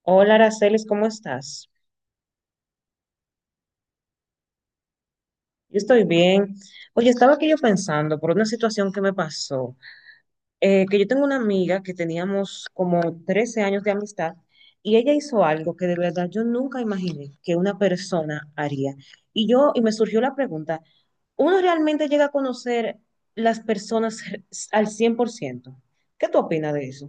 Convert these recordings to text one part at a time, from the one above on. Hola, Aracelis, ¿cómo estás? Yo estoy bien. Oye, estaba aquí yo pensando por una situación que me pasó, que yo tengo una amiga que teníamos como 13 años de amistad y ella hizo algo que de verdad yo nunca imaginé que una persona haría. Y me surgió la pregunta, ¿uno realmente llega a conocer las personas al 100%? ¿Qué tú opinas de eso?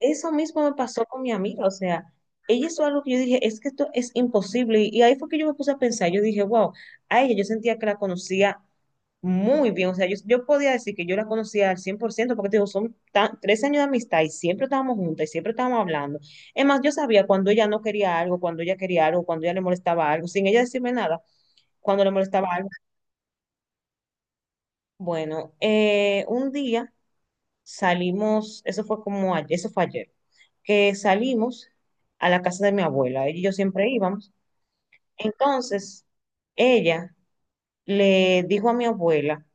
Eso mismo me pasó con mi amiga, o sea, ella hizo algo que yo dije, es que esto es imposible. Y ahí fue que yo me puse a pensar, yo dije, wow, a ella yo sentía que la conocía muy bien, o sea, yo podía decir que yo la conocía al 100%, porque te digo, 3 años de amistad y siempre estábamos juntas y siempre estábamos hablando. Es más, yo sabía cuando ella no quería algo, cuando ella quería algo, cuando ella le molestaba algo, sin ella decirme nada, cuando le molestaba algo. Bueno, un día salimos. Eso fue como, eso fue ayer, que salimos a la casa de mi abuela, ella y yo siempre íbamos. Entonces, ella le dijo a mi abuela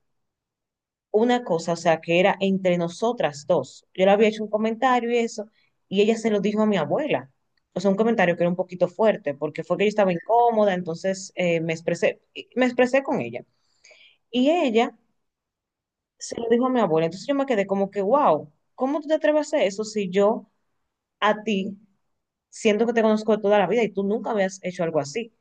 una cosa, o sea, que era entre nosotras dos. Yo le había hecho un comentario y eso, y ella se lo dijo a mi abuela. O sea, un comentario que era un poquito fuerte, porque fue que yo estaba incómoda, entonces me expresé con ella. Y ella se lo dijo a mi abuela. Entonces yo me quedé como que, wow, ¿cómo tú te atreves a hacer eso si yo a ti siento que te conozco de toda la vida y tú nunca habías hecho algo así?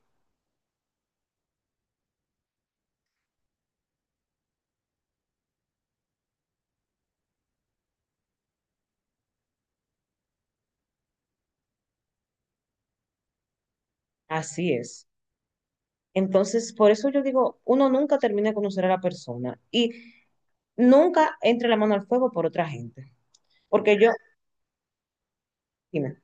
Así es. Entonces, por eso yo digo, uno nunca termina de conocer a la persona y nunca entre la mano al fuego por otra gente. Porque yo, dime,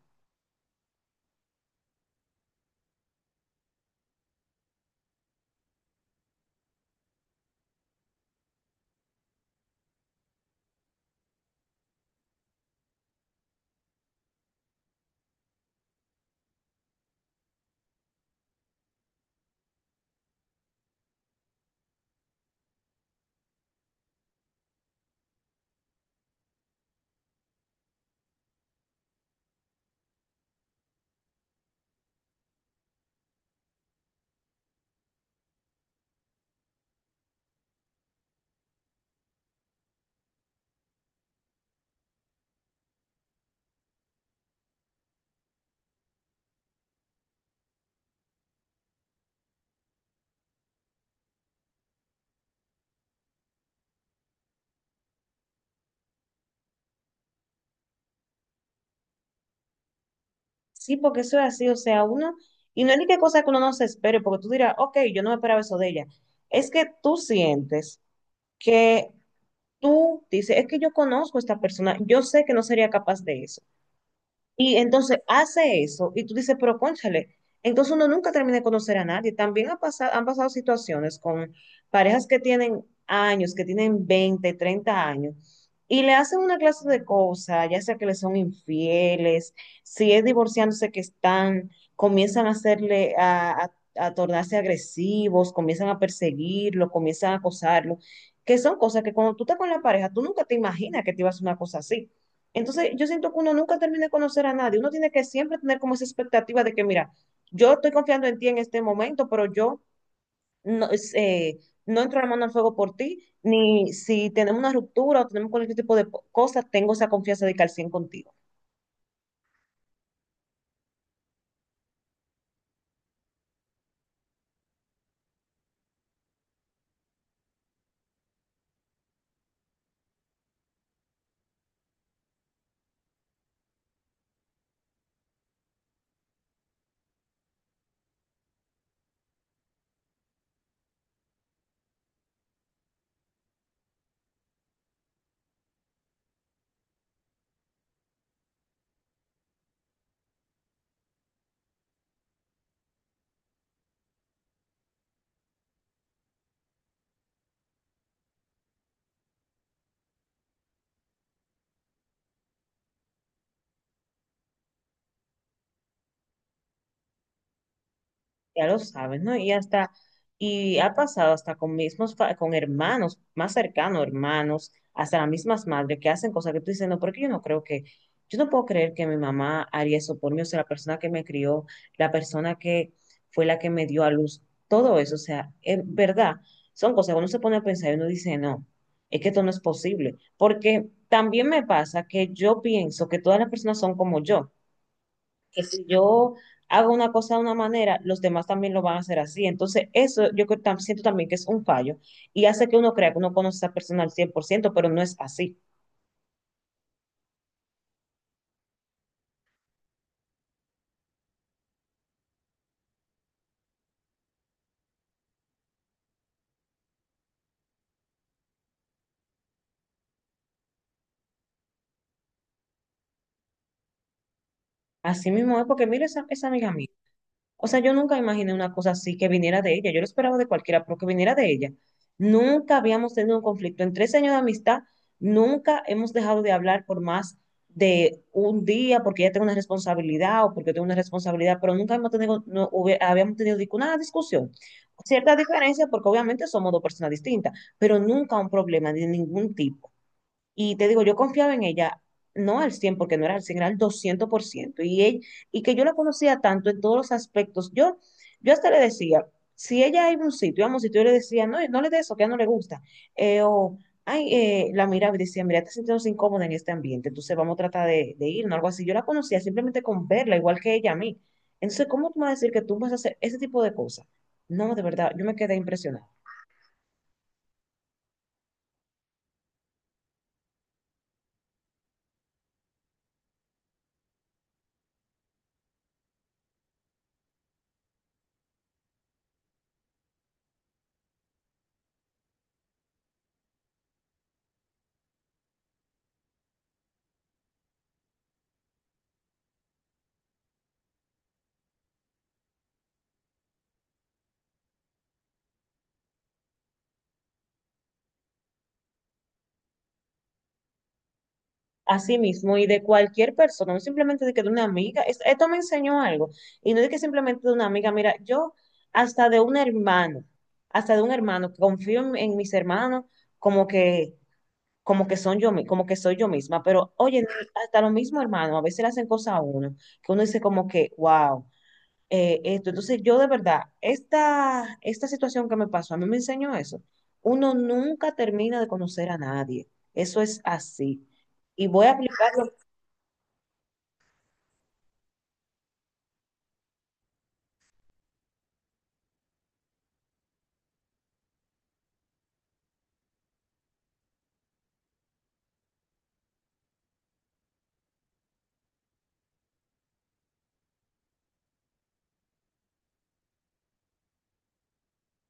sí, porque eso es así, o sea, uno, y no es ni qué cosa que uno no se espere, porque tú dirás, ok, yo no me esperaba eso de ella. Es que tú sientes que tú dices, es que yo conozco a esta persona, yo sé que no sería capaz de eso. Y entonces hace eso y tú dices, pero cónchale, entonces uno nunca termina de conocer a nadie. También ha pasado, han pasado situaciones con parejas que tienen años, que tienen 20 30 años, y le hacen una clase de cosas, ya sea que le son infieles, si es divorciándose que están, comienzan a hacerle, a tornarse agresivos, comienzan a perseguirlo, comienzan a acosarlo, que son cosas que cuando tú estás con la pareja, tú nunca te imaginas que te ibas a hacer una cosa así. Entonces, yo siento que uno nunca termina de conocer a nadie. Uno tiene que siempre tener como esa expectativa de que, mira, yo estoy confiando en ti en este momento, pero yo no, es, eh, no entro la mano al fuego por ti, ni si tenemos una ruptura o tenemos cualquier tipo de cosa, tengo esa confianza de que al 100 contigo. Ya lo sabes, ¿no? Y ha pasado hasta con mismos, con hermanos más cercanos, hermanos, hasta las mismas madres que hacen cosas que tú dices, no, porque yo no puedo creer que mi mamá haría eso por mí, o sea, la persona que me crió, la persona que fue la que me dio a luz, todo eso, o sea, es verdad, son cosas que uno se pone a pensar y uno dice, no, es que esto no es posible, porque también me pasa que yo pienso que todas las personas son como yo, que si yo hago una cosa de una manera, los demás también lo van a hacer así. Entonces, eso yo creo siento también que es un fallo y hace que uno crea que uno conoce a esa persona al 100% pero no es así. Así mismo es porque, mira, esa amiga mía. O sea, yo nunca imaginé una cosa así que viniera de ella. Yo lo esperaba de cualquiera, pero que viniera de ella. Nunca habíamos tenido un conflicto. En 3 años de amistad, nunca hemos dejado de hablar por más de un día porque ella tengo una responsabilidad o porque tengo una responsabilidad, pero nunca hemos tenido, no, habíamos tenido ninguna discusión. Cierta diferencia porque obviamente somos dos personas distintas, pero nunca un problema de ningún tipo. Y te digo, yo confiaba en ella, no al 100 porque no era al cien, era al 200%. Y, ella, y que yo la conocía tanto en todos los aspectos. Yo hasta le decía, si ella iba a un sitio, íbamos a un sitio, yo le decía, no, no le des eso, que a ella no le gusta. Eh, o, la miraba y decía, mira, te sientes incómoda en este ambiente, entonces vamos a tratar de irnos, algo así. Yo la conocía simplemente con verla, igual que ella a mí. Entonces, ¿cómo tú me vas a decir que tú vas a hacer ese tipo de cosas? No, de verdad, yo me quedé impresionada. Así mismo, y de cualquier persona, no simplemente de que de una amiga, esto me enseñó algo, y no de que simplemente de una amiga, mira, yo hasta de un hermano, hasta de un hermano, que confío en mis hermanos como que, como que son yo, como que soy yo misma, pero oye, hasta los mismos hermanos a veces le hacen cosas a uno, que uno dice como que, wow, esto, entonces yo de verdad, esta situación que me pasó, a mí me enseñó eso, uno nunca termina de conocer a nadie, eso es así. Y voy a aplicarlo.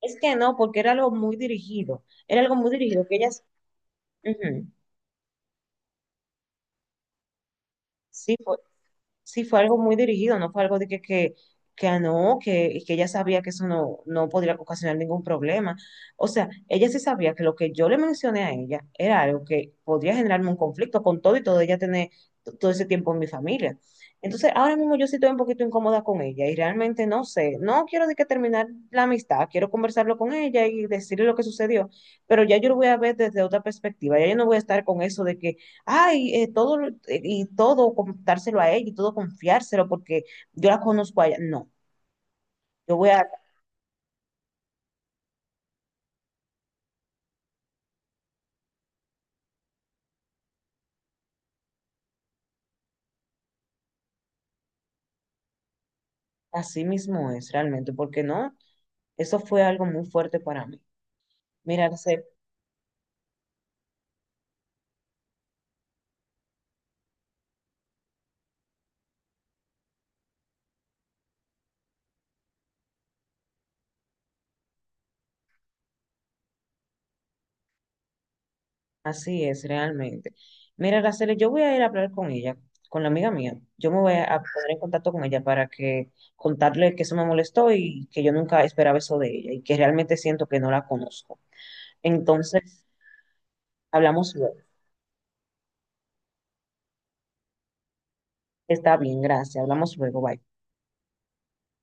Es que no, porque era algo muy dirigido, era algo muy dirigido, que ellas, ujú, sí, fue- sí, fue algo muy dirigido, no fue algo de que, que ah, no, que ella sabía que eso no, no podría ocasionar ningún problema. O sea, ella sí sabía que lo que yo le mencioné a ella era algo que podría generarme un conflicto con todo y todo ella tener todo ese tiempo en mi familia. Entonces, ahora mismo yo sí estoy un poquito incómoda con ella y realmente no sé, no quiero de que terminar la amistad, quiero conversarlo con ella y decirle lo que sucedió, pero ya yo lo voy a ver desde otra perspectiva, ya yo no voy a estar con eso de que ay, todo, y todo contárselo a ella y todo confiárselo porque yo la conozco a ella. No, yo voy a, así mismo es realmente, porque no, eso fue algo muy fuerte para mí. Mira, Araceli, así es realmente. Mira, Araceli, yo voy a ir a hablar con ella, con la amiga mía. Yo me voy a poner en contacto con ella para que contarle que eso me molestó y que yo nunca esperaba eso de ella y que realmente siento que no la conozco. Entonces, hablamos luego. Está bien, gracias. Hablamos luego, bye.